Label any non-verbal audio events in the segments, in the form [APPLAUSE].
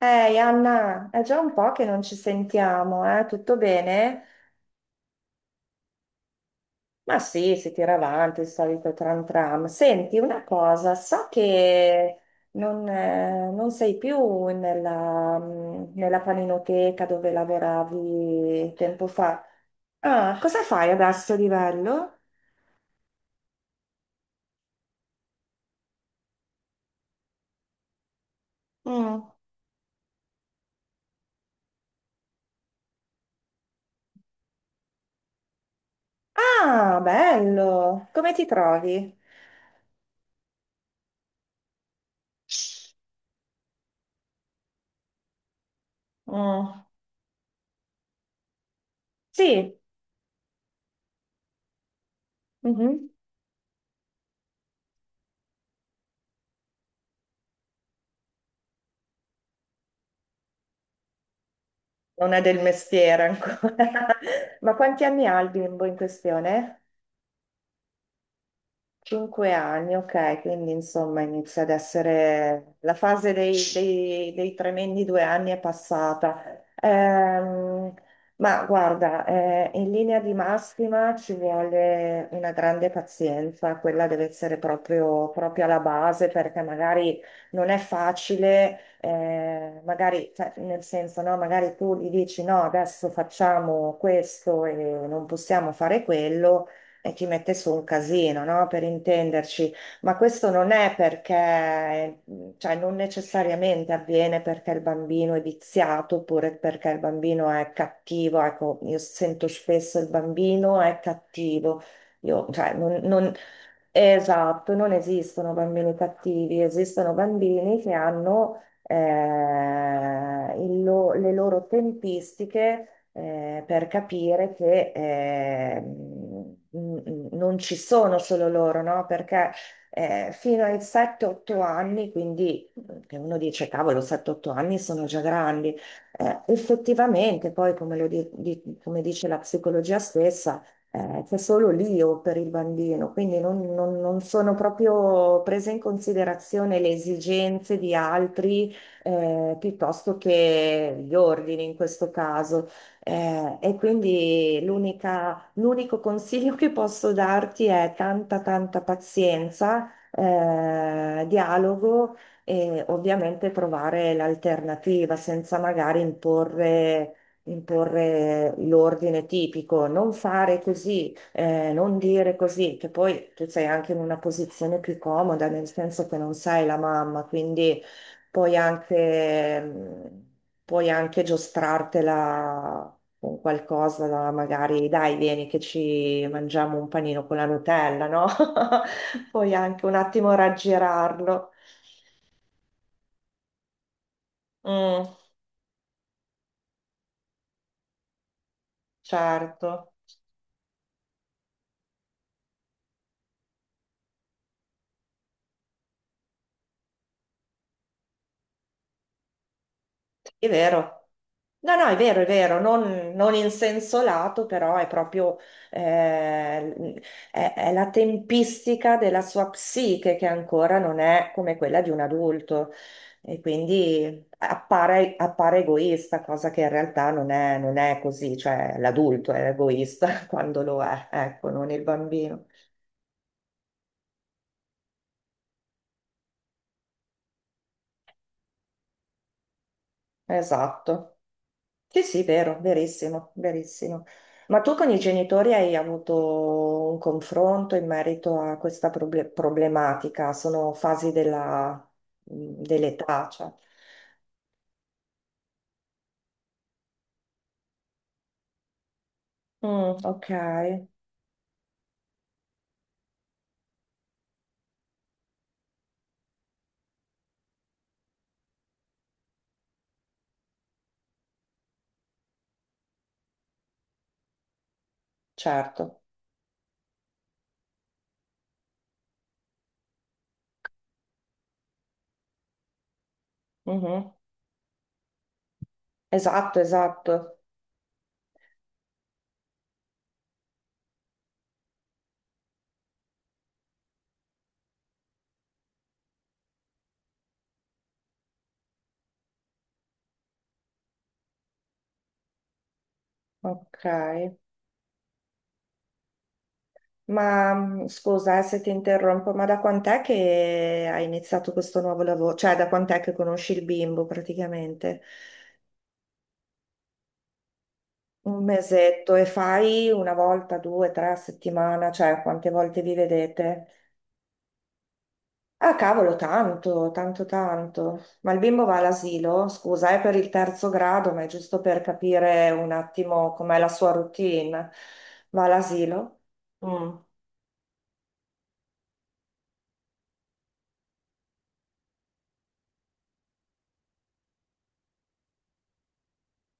Ehi Anna, è già un po' che non ci sentiamo, eh? Tutto bene? Ma sì, si tira avanti il solito tram tram. Senti, una cosa, so che non sei più nella nella paninoteca dove lavoravi tempo fa. Ah, cosa fai adesso di bello? Mm. Ah, bello! Come ti trovi? Mm. Sì. Mhm. Non è del mestiere ancora. [LAUGHS] Ma quanti anni ha il bimbo in questione? Cinque anni, ok, quindi insomma inizia ad essere la fase dei tremendi due anni è passata. Ehm, ma guarda, in linea di massima ci vuole una grande pazienza, quella deve essere proprio alla base perché magari non è facile, magari cioè, nel senso, no, magari tu gli dici no, adesso facciamo questo e non possiamo fare quello e ti mette su un casino, no? Per intenderci, ma questo non è perché cioè non necessariamente avviene perché il bambino è viziato oppure perché il bambino è cattivo. Ecco, io sento spesso il bambino è cattivo. Io, cioè, non, non- Esatto, non esistono bambini cattivi, esistono bambini che hanno il le loro tempistiche per capire che non ci sono solo loro, no? Perché fino ai 7-8 anni, che uno dice, cavolo, 7-8 anni sono già grandi, effettivamente poi, come, come dice la psicologia stessa, c'è solo l'io per il bambino, quindi non sono proprio prese in considerazione le esigenze di altri, piuttosto che gli ordini in questo caso. E quindi l'unico consiglio che posso darti è tanta pazienza, dialogo e ovviamente trovare l'alternativa senza magari imporre l'ordine tipico. Non fare così, non dire così, che poi tu sei anche in una posizione più comoda, nel senso che non sei la mamma, quindi puoi puoi anche giostrartela con qualcosa, magari dai, vieni che ci mangiamo un panino con la Nutella, no? [LAUGHS] Puoi anche un attimo raggirarlo. Mm, certo. È vero. No, no, è vero, non in senso lato, però è proprio eh, è la tempistica della sua psiche che ancora non è come quella di un adulto e quindi appare egoista, cosa che in realtà non è così, cioè l'adulto è egoista [LAUGHS] quando lo è, ecco, non il bambino. Esatto. Sì, sì, vero, verissimo, verissimo. Ma tu con i genitori hai avuto un confronto in merito a questa problematica? Sono fasi dell'età, cioè. Mm, ok, certo. Mhm. Esatto, esatto. Ok. Ma scusa, se ti interrompo, ma da quant'è che hai iniziato questo nuovo lavoro? Cioè, da quant'è che conosci il bimbo praticamente? Un mesetto e fai una volta, due, tre a settimana, cioè quante volte vi vedete? Ah, cavolo, tanto, tanto, tanto. Ma il bimbo va all'asilo? Scusa, è per il terzo grado, ma è giusto per capire un attimo com'è la sua routine. Va all'asilo? Mm.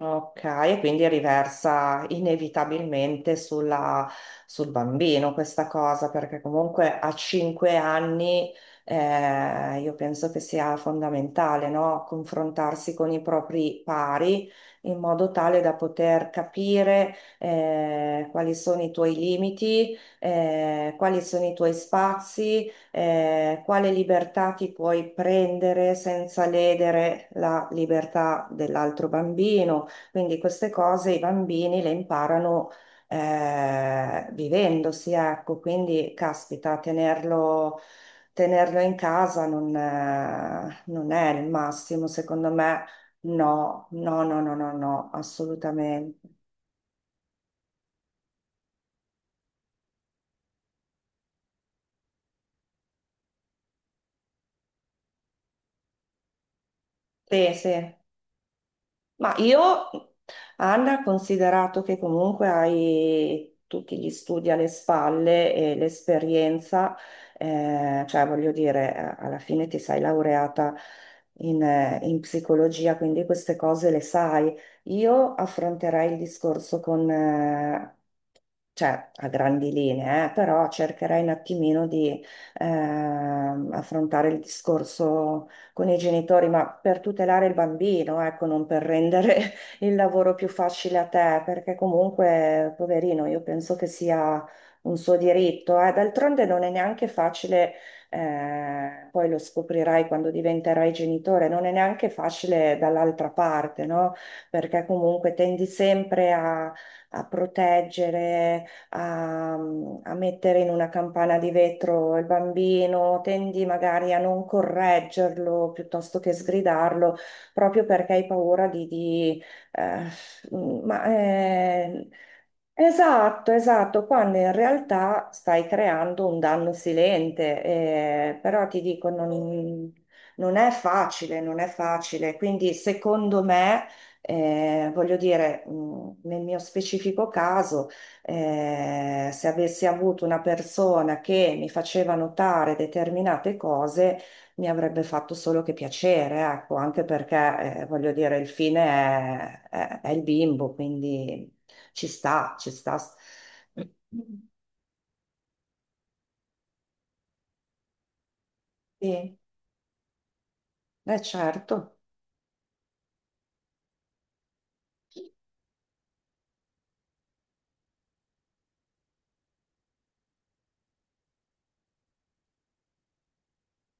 Ok, e quindi riversa inevitabilmente sul bambino questa cosa, perché comunque a cinque anni, io penso che sia fondamentale, no? Confrontarsi con i propri pari in modo tale da poter capire quali sono i tuoi limiti, quali sono i tuoi spazi, quale libertà ti puoi prendere senza ledere la libertà dell'altro bambino, quindi queste cose i bambini le imparano, vivendosi, ecco, quindi caspita, tenerlo in casa non è il massimo, secondo me, no, no, no, no, no, no, assolutamente. Sì, sì. Ma io, Anna, considerato che comunque hai tutti gli studi alle spalle e l'esperienza, cioè voglio dire, alla fine ti sei laureata in psicologia, quindi queste cose le sai. Io affronterei il discorso con, cioè a grandi linee, però cercherai un attimino di affrontare il discorso con i genitori, ma per tutelare il bambino, ecco, non per rendere [LAUGHS] il lavoro più facile a te, perché comunque, poverino, io penso che sia un suo diritto, eh. D'altronde non è neanche facile, poi lo scoprirai quando diventerai genitore, non è neanche facile dall'altra parte, no? Perché comunque tendi sempre a proteggere a mettere in una campana di vetro il bambino, tendi magari a non correggerlo piuttosto che sgridarlo, proprio perché hai paura di, eh, ma eh, Esatto, esatto, quando in realtà stai creando un danno silente, però ti dico, non è facile, non è facile, quindi secondo me, voglio dire, nel mio specifico caso, se avessi avuto una persona che mi faceva notare determinate cose, mi avrebbe fatto solo che piacere, ecco, anche perché, voglio dire, il fine è il bimbo, quindi... Ci sta, ci sta. Sì, certo.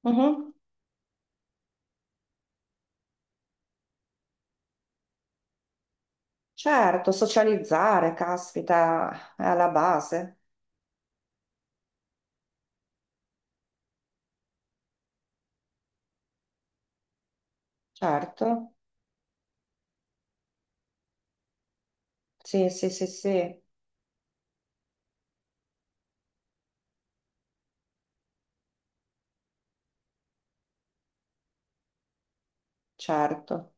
Mhm. Certo, socializzare, caspita, è alla base. Certo. Sì, sì, sì, sì, certo.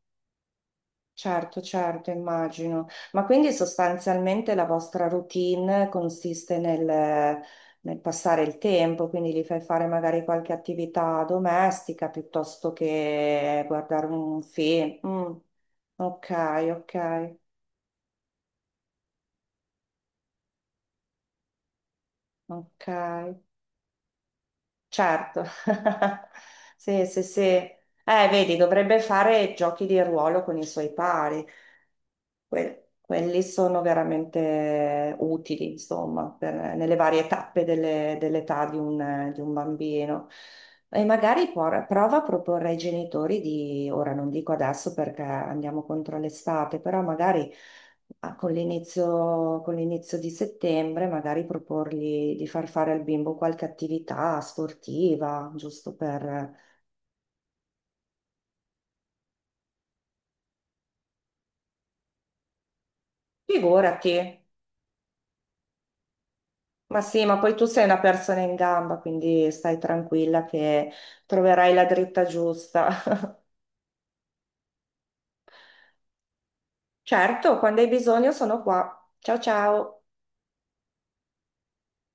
Certo, certo, immagino. Ma quindi sostanzialmente la vostra routine consiste nel passare il tempo, quindi gli fai fare magari qualche attività domestica piuttosto che guardare un film. Mm. Ok, ok. Ok, certo. [LAUGHS] Sì, sì, sì. Vedi, dovrebbe fare giochi di ruolo con i suoi pari. Quelli sono veramente utili, insomma, nelle varie tappe dell'età di di un bambino. E magari prova a proporre ai genitori di, ora non dico adesso perché andiamo contro l'estate, però magari ah, con l'inizio di settembre, magari proporgli di far fare al bimbo qualche attività sportiva, giusto per... Figurati, ma sì, ma poi tu sei una persona in gamba, quindi stai tranquilla che troverai la dritta giusta. [LAUGHS] Certo, quando hai bisogno sono qua. Ciao ciao.